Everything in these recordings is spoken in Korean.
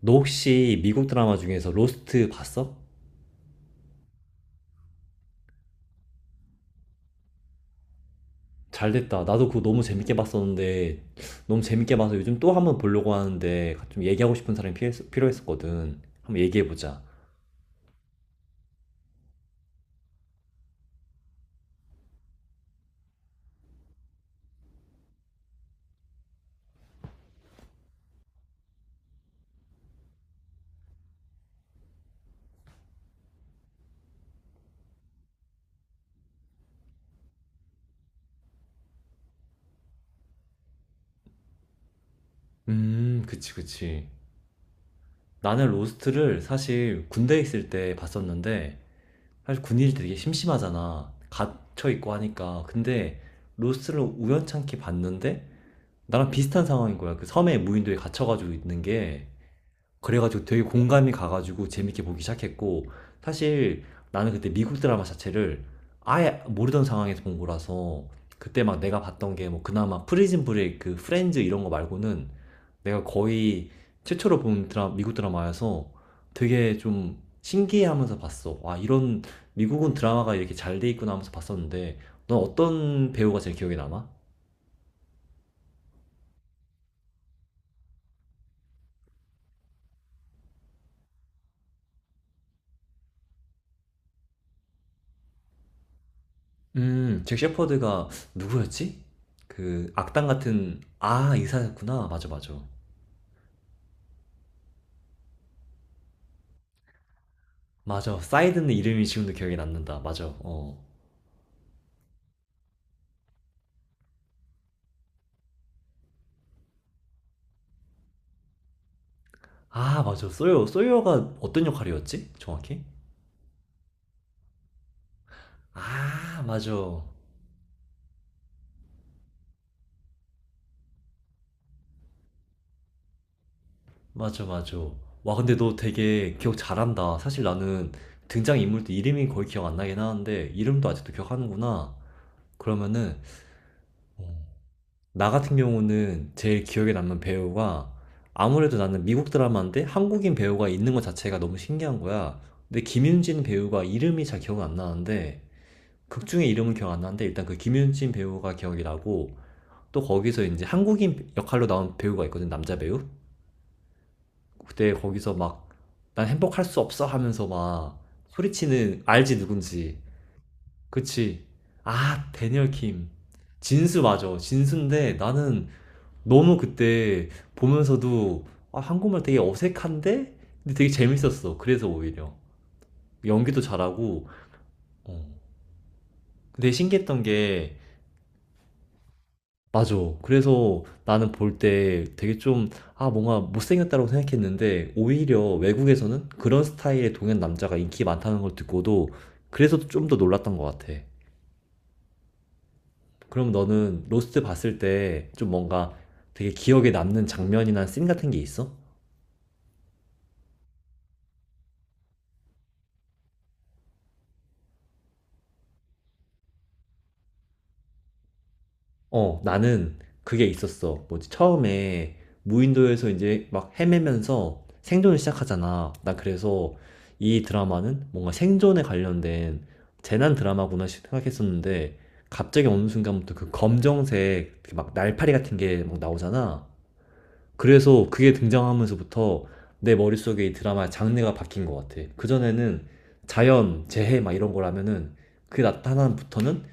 너 혹시 미국 드라마 중에서 로스트 봤어? 잘 됐다. 나도 그거 너무 재밌게 봤었는데, 너무 재밌게 봐서 요즘 또 한번 보려고 하는데, 좀 얘기하고 싶은 사람이 필요했었거든. 한번 얘기해보자. 그치. 나는 로스트를 사실 군대에 있을 때 봤었는데, 사실 군인이 되게 심심하잖아. 갇혀있고 하니까. 근데, 로스트를 우연찮게 봤는데, 나랑 비슷한 상황인 거야. 그 섬에 무인도에 갇혀가지고 있는 게, 그래가지고 되게 공감이 가가지고 재밌게 보기 시작했고 사실 나는 그때 미국 드라마 자체를 아예 모르던 상황에서 본 거라서 그때 막 내가 봤던 게 뭐 그나마 프리즌 브레이크, 프렌즈 이런 거 말고는 내가 거의 최초로 본 미국 드라마여서 되게 좀 신기해하면서 봤어. 와 이런 미국은 드라마가 이렇게 잘 돼 있구나 하면서 봤었는데 넌 어떤 배우가 제일 기억에 남아? 잭 셰퍼드가 누구였지? 그 악당 같은 아 의사였구나. 맞아, 맞아. 맞아. 사이드는 이름이 지금도 기억이 남는다. 맞아. 어. 아, 맞아. 소요, 소요가 어떤 역할이었지? 정확히? 아, 맞아. 맞아, 맞아. 와, 근데 너 되게 기억 잘한다. 사실 나는 등장인물도 이름이 거의 기억 안 나긴 하는데 이름도 아직도 기억하는구나. 그러면은 어, 나 같은 경우는 제일 기억에 남는 배우가 아무래도 나는 미국 드라마인데 한국인 배우가 있는 것 자체가 너무 신기한 거야. 근데 김윤진 배우가 이름이 잘 기억 안 나는데 극 중에 이름은 기억 안 나는데 일단 그 김윤진 배우가 기억이 나고 또 거기서 이제 한국인 역할로 나온 배우가 있거든 남자 배우. 그때 거기서 막 난 행복할 수 없어 하면서 막 소리치는 알지 누군지. 그치? 아 데니얼 킴. 진수 맞아. 진수인데 나는 너무 그때 보면서도 아, 한국말 되게 어색한데? 근데 되게 재밌었어. 그래서 오히려. 연기도 잘하고. 어. 근데 신기했던 게, 맞아. 그래서 나는 볼 때 되게 좀, 아, 뭔가 못생겼다고 생각했는데, 오히려 외국에서는 그런 스타일의 동양 남자가 인기 많다는 걸 듣고도, 그래서 좀 더 놀랐던 것 같아. 그럼 너는 로스트 봤을 때 좀 뭔가 되게 기억에 남는 장면이나 씬 같은 게 있어? 어, 나는 그게 있었어. 뭐지? 처음에 무인도에서 이제 막 헤매면서 생존을 시작하잖아. 나 그래서 이 드라마는 뭔가 생존에 관련된 재난 드라마구나 생각했었는데 갑자기 어느 순간부터 그 검정색 그막 날파리 같은 게 막 나오잖아. 그래서 그게 등장하면서부터 내 머릿속에 이 드라마의 장르가 바뀐 것 같아. 그전에는 자연, 재해 막 이런 거라면은 그 나타남부터는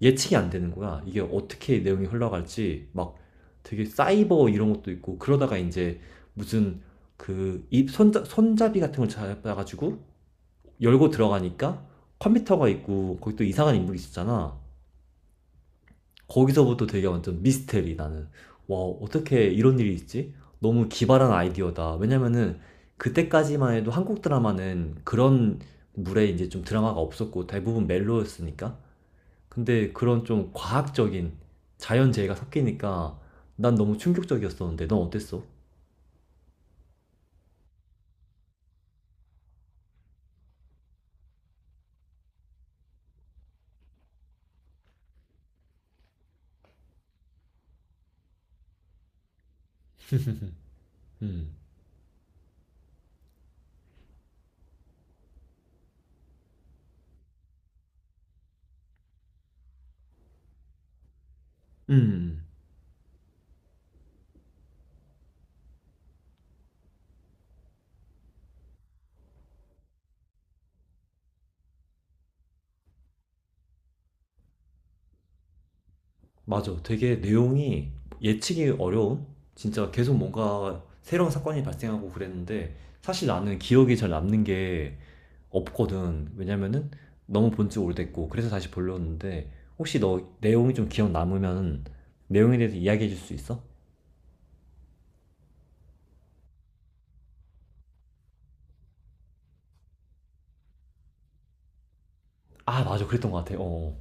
예측이 안 되는 거야. 이게 어떻게 내용이 흘러갈지 막 되게 사이버 이런 것도 있고 그러다가 이제 무슨 그 입 손잡이 같은 걸 잡아가지고 열고 들어가니까 컴퓨터가 있고 거기 또 이상한 인물이 있었잖아. 거기서부터 되게 완전 미스테리 나는 와 어떻게 이런 일이 있지? 너무 기발한 아이디어다. 왜냐면은 그때까지만 해도 한국 드라마는 그런 물에 이제 좀 드라마가 없었고 대부분 멜로였으니까 근데 그런 좀 과학적인 자연재해가 섞이니까 난 너무 충격적이었었는데 넌 어땠어? 음. 음. 맞아. 되게 내용이 예측이 어려운? 진짜 계속 뭔가 새로운 사건이 발생하고 그랬는데 사실 나는 기억이 잘 남는 게 없거든. 왜냐면은 너무 본 지 오래됐고 그래서 다시 보려는데 혹시 너 내용이 좀 기억 남으면 내용에 대해서 이야기해 줄 수 있어? 아, 맞아. 그랬던 것 같아. 어. 어.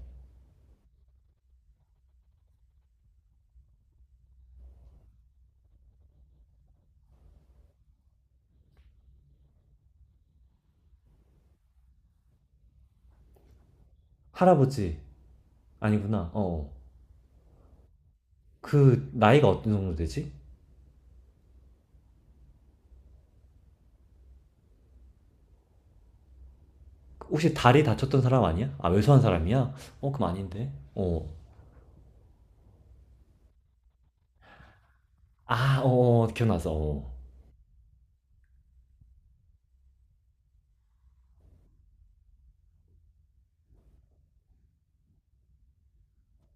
할아버지 아니구나. 어. 어. 그 나이가 어느 정도 되지? 혹시 다리 다쳤던 사람 아니야? 아, 왜소한 사람이야? 어, 그럼 아닌데. 어. 아, 어, 어, 기억나서 어.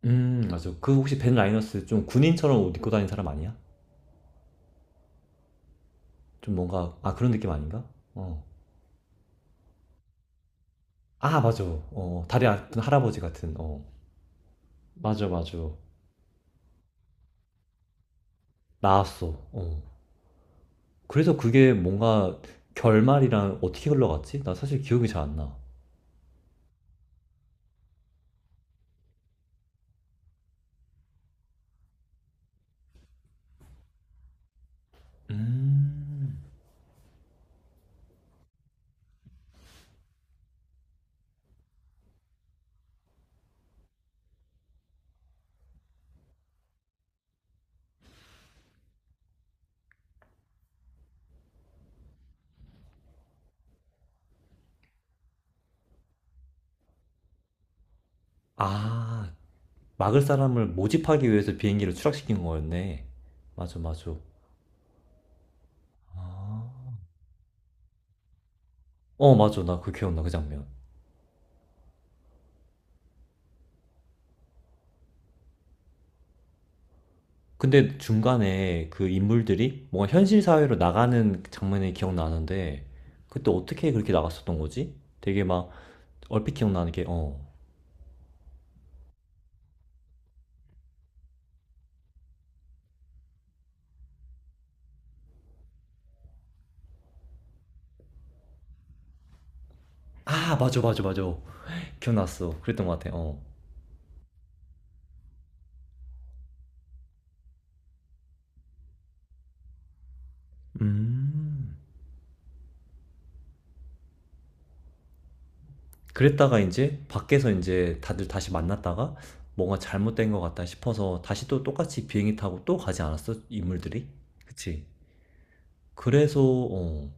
맞아. 그 혹시 벤 라이너스 좀 군인처럼 옷 입고 다니는 사람 아니야? 좀 뭔가 아, 그런 느낌 아닌가? 어. 아, 맞아. 어, 다리 아픈 할아버지 같은. 어. 맞아, 맞아. 나왔어. 어. 그래서 그게 뭔가 결말이랑 어떻게 흘러갔지? 나 사실 기억이 잘 안 나. 음. 아, 막을 사람을 모집하기 위해서 비행기를 추락시킨 거였네. 맞아, 맞아. 아. 어, 맞아. 나 그 기억나, 그 장면. 근데 중간에 그 인물들이 뭔가 현실 사회로 나가는 장면이 기억나는데, 그때 어떻게 그렇게 나갔었던 거지? 되게 막, 얼핏 기억나는 게, 어. 아, 맞아, 맞아, 맞아. 기억났어. 그랬던 것 같아, 어. 음. 그랬다가 이제 밖에서 이제 다들 다시 만났다가 뭔가 잘못된 것 같다 싶어서 다시 또 똑같이 비행기 타고 또 가지 않았어? 인물들이? 그치? 그래서, 어,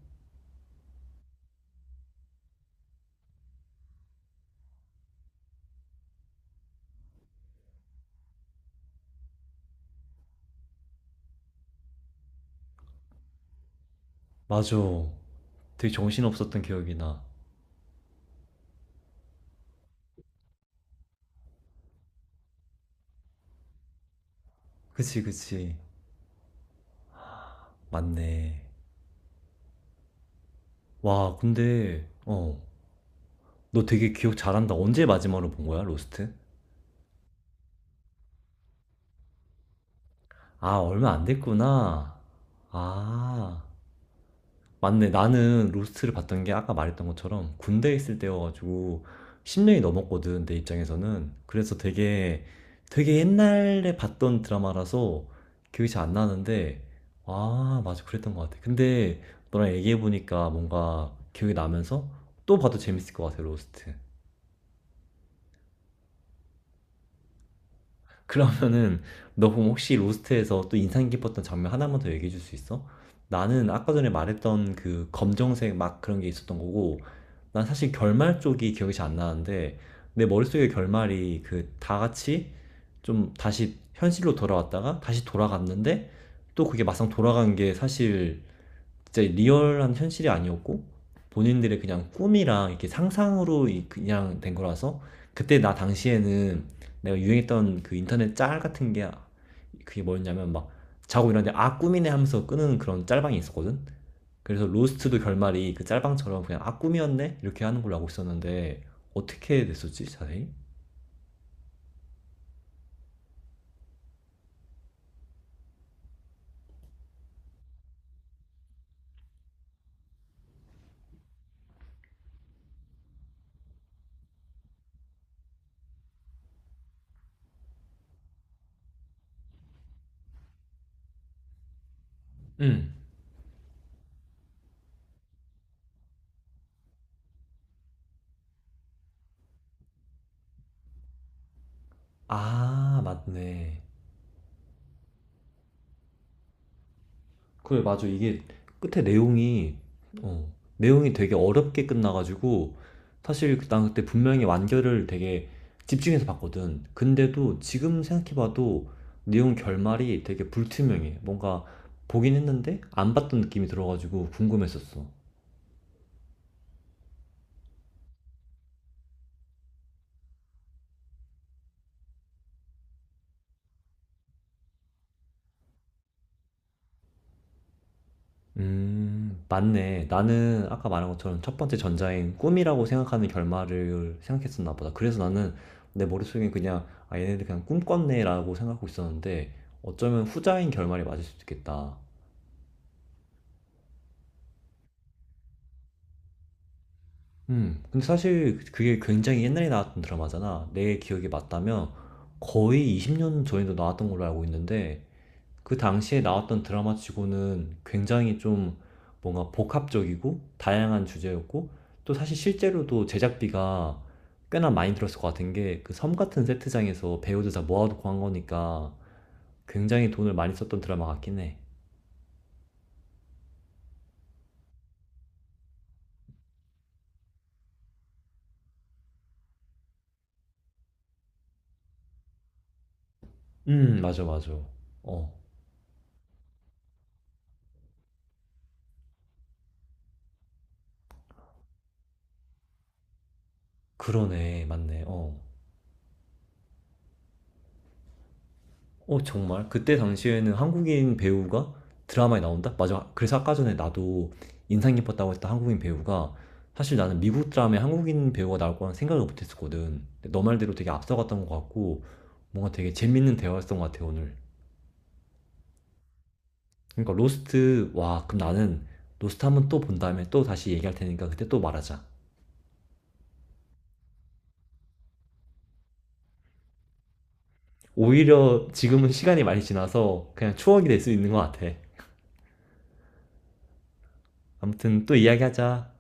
맞아. 되게 정신없었던 기억이 나. 그치, 그치. 맞네. 와, 근데, 어, 너 되게 기억 잘한다. 언제 마지막으로 본 거야, 로스트? 아, 얼마 안 됐구나. 아. 맞네. 나는 로스트를 봤던 게 아까 말했던 것처럼 군대에 있을 때여가지고 10년이 넘었거든, 내 입장에서는. 그래서 되게, 되게 옛날에 봤던 드라마라서 기억이 잘 안 나는데, 아, 맞아. 그랬던 것 같아. 근데 너랑 얘기해보니까 뭔가 기억이 나면서 또 봐도 재밌을 것 같아, 로스트. 그러면은 너 그럼 혹시 로스트에서 또 인상 깊었던 장면 하나만 더 얘기해 줄 수 있어? 나는 아까 전에 말했던 그 검정색 막 그런 게 있었던 거고, 난 사실 결말 쪽이 기억이 잘 안 나는데 내 머릿속의 결말이 그 다 같이 좀 다시 현실로 돌아왔다가 다시 돌아갔는데 또 그게 막상 돌아간 게 사실 진짜 리얼한 현실이 아니었고 본인들의 그냥 꿈이랑 이렇게 상상으로 그냥 된 거라서 그때 나 당시에는 내가 유행했던 그 인터넷 짤 같은 게 그게 뭐였냐면 막 자고 일어났는데 아 꿈이네 하면서 끄는 그런 짤방이 있었거든. 그래서 로스트도 결말이 그 짤방처럼 그냥 아 꿈이었네 이렇게 하는 걸로 알고 있었는데 어떻게 됐었지 자세히? 응. 아 맞네. 그래 맞아 이게 끝에 내용이 어 내용이 되게 어렵게 끝나가지고 사실 그, 난 그때 분명히 완결을 되게 집중해서 봤거든. 근데도 지금 생각해봐도 내용 결말이 되게 불투명해. 뭔가 보긴 했는데 안 봤던 느낌이 들어가지고 궁금했었어. 맞네. 나는 아까 말한 것처럼 첫 번째 전자인 꿈이라고 생각하는 결말을 생각했었나 보다. 그래서 나는 내 머릿속엔 그냥, 아, 얘네들 그냥 꿈 꿨네라고 생각하고 있었는데, 어쩌면 후자인 결말이 맞을 수도 있겠다. 근데 사실 그게 굉장히 옛날에 나왔던 드라마잖아. 내 기억이 맞다면 거의 20년 전에도 나왔던 걸로 알고 있는데, 그 당시에 나왔던 드라마 치고는 굉장히 좀 뭔가 복합적이고 다양한 주제였고 또 사실 실제로도 제작비가 꽤나 많이 들었을 것 같은 게 그 섬 같은 세트장에서 배우들 다 모아놓고 한 거니까 굉장히 돈을 많이 썼던 드라마 같긴 해. 맞아, 맞아. 어, 그러네. 맞네. 어. 어, 정말? 그때 당시에는 한국인 배우가 드라마에 나온다? 맞아. 그래서 아까 전에 나도 인상 깊었다고 했던 한국인 배우가 사실 나는 미국 드라마에 한국인 배우가 나올 거란 생각을 못 했었거든. 근데 너 말대로 되게 앞서갔던 것 같고 뭔가 되게 재밌는 대화였던 것 같아, 오늘. 그러니까 로스트, 와, 그럼 나는 로스트 한번 또 본 다음에 또 다시 얘기할 테니까 그때 또 말하자. 오히려 지금은 시간이 많이 지나서 그냥 추억이 될 수 있는 것 같아. 아무튼 또 이야기하자.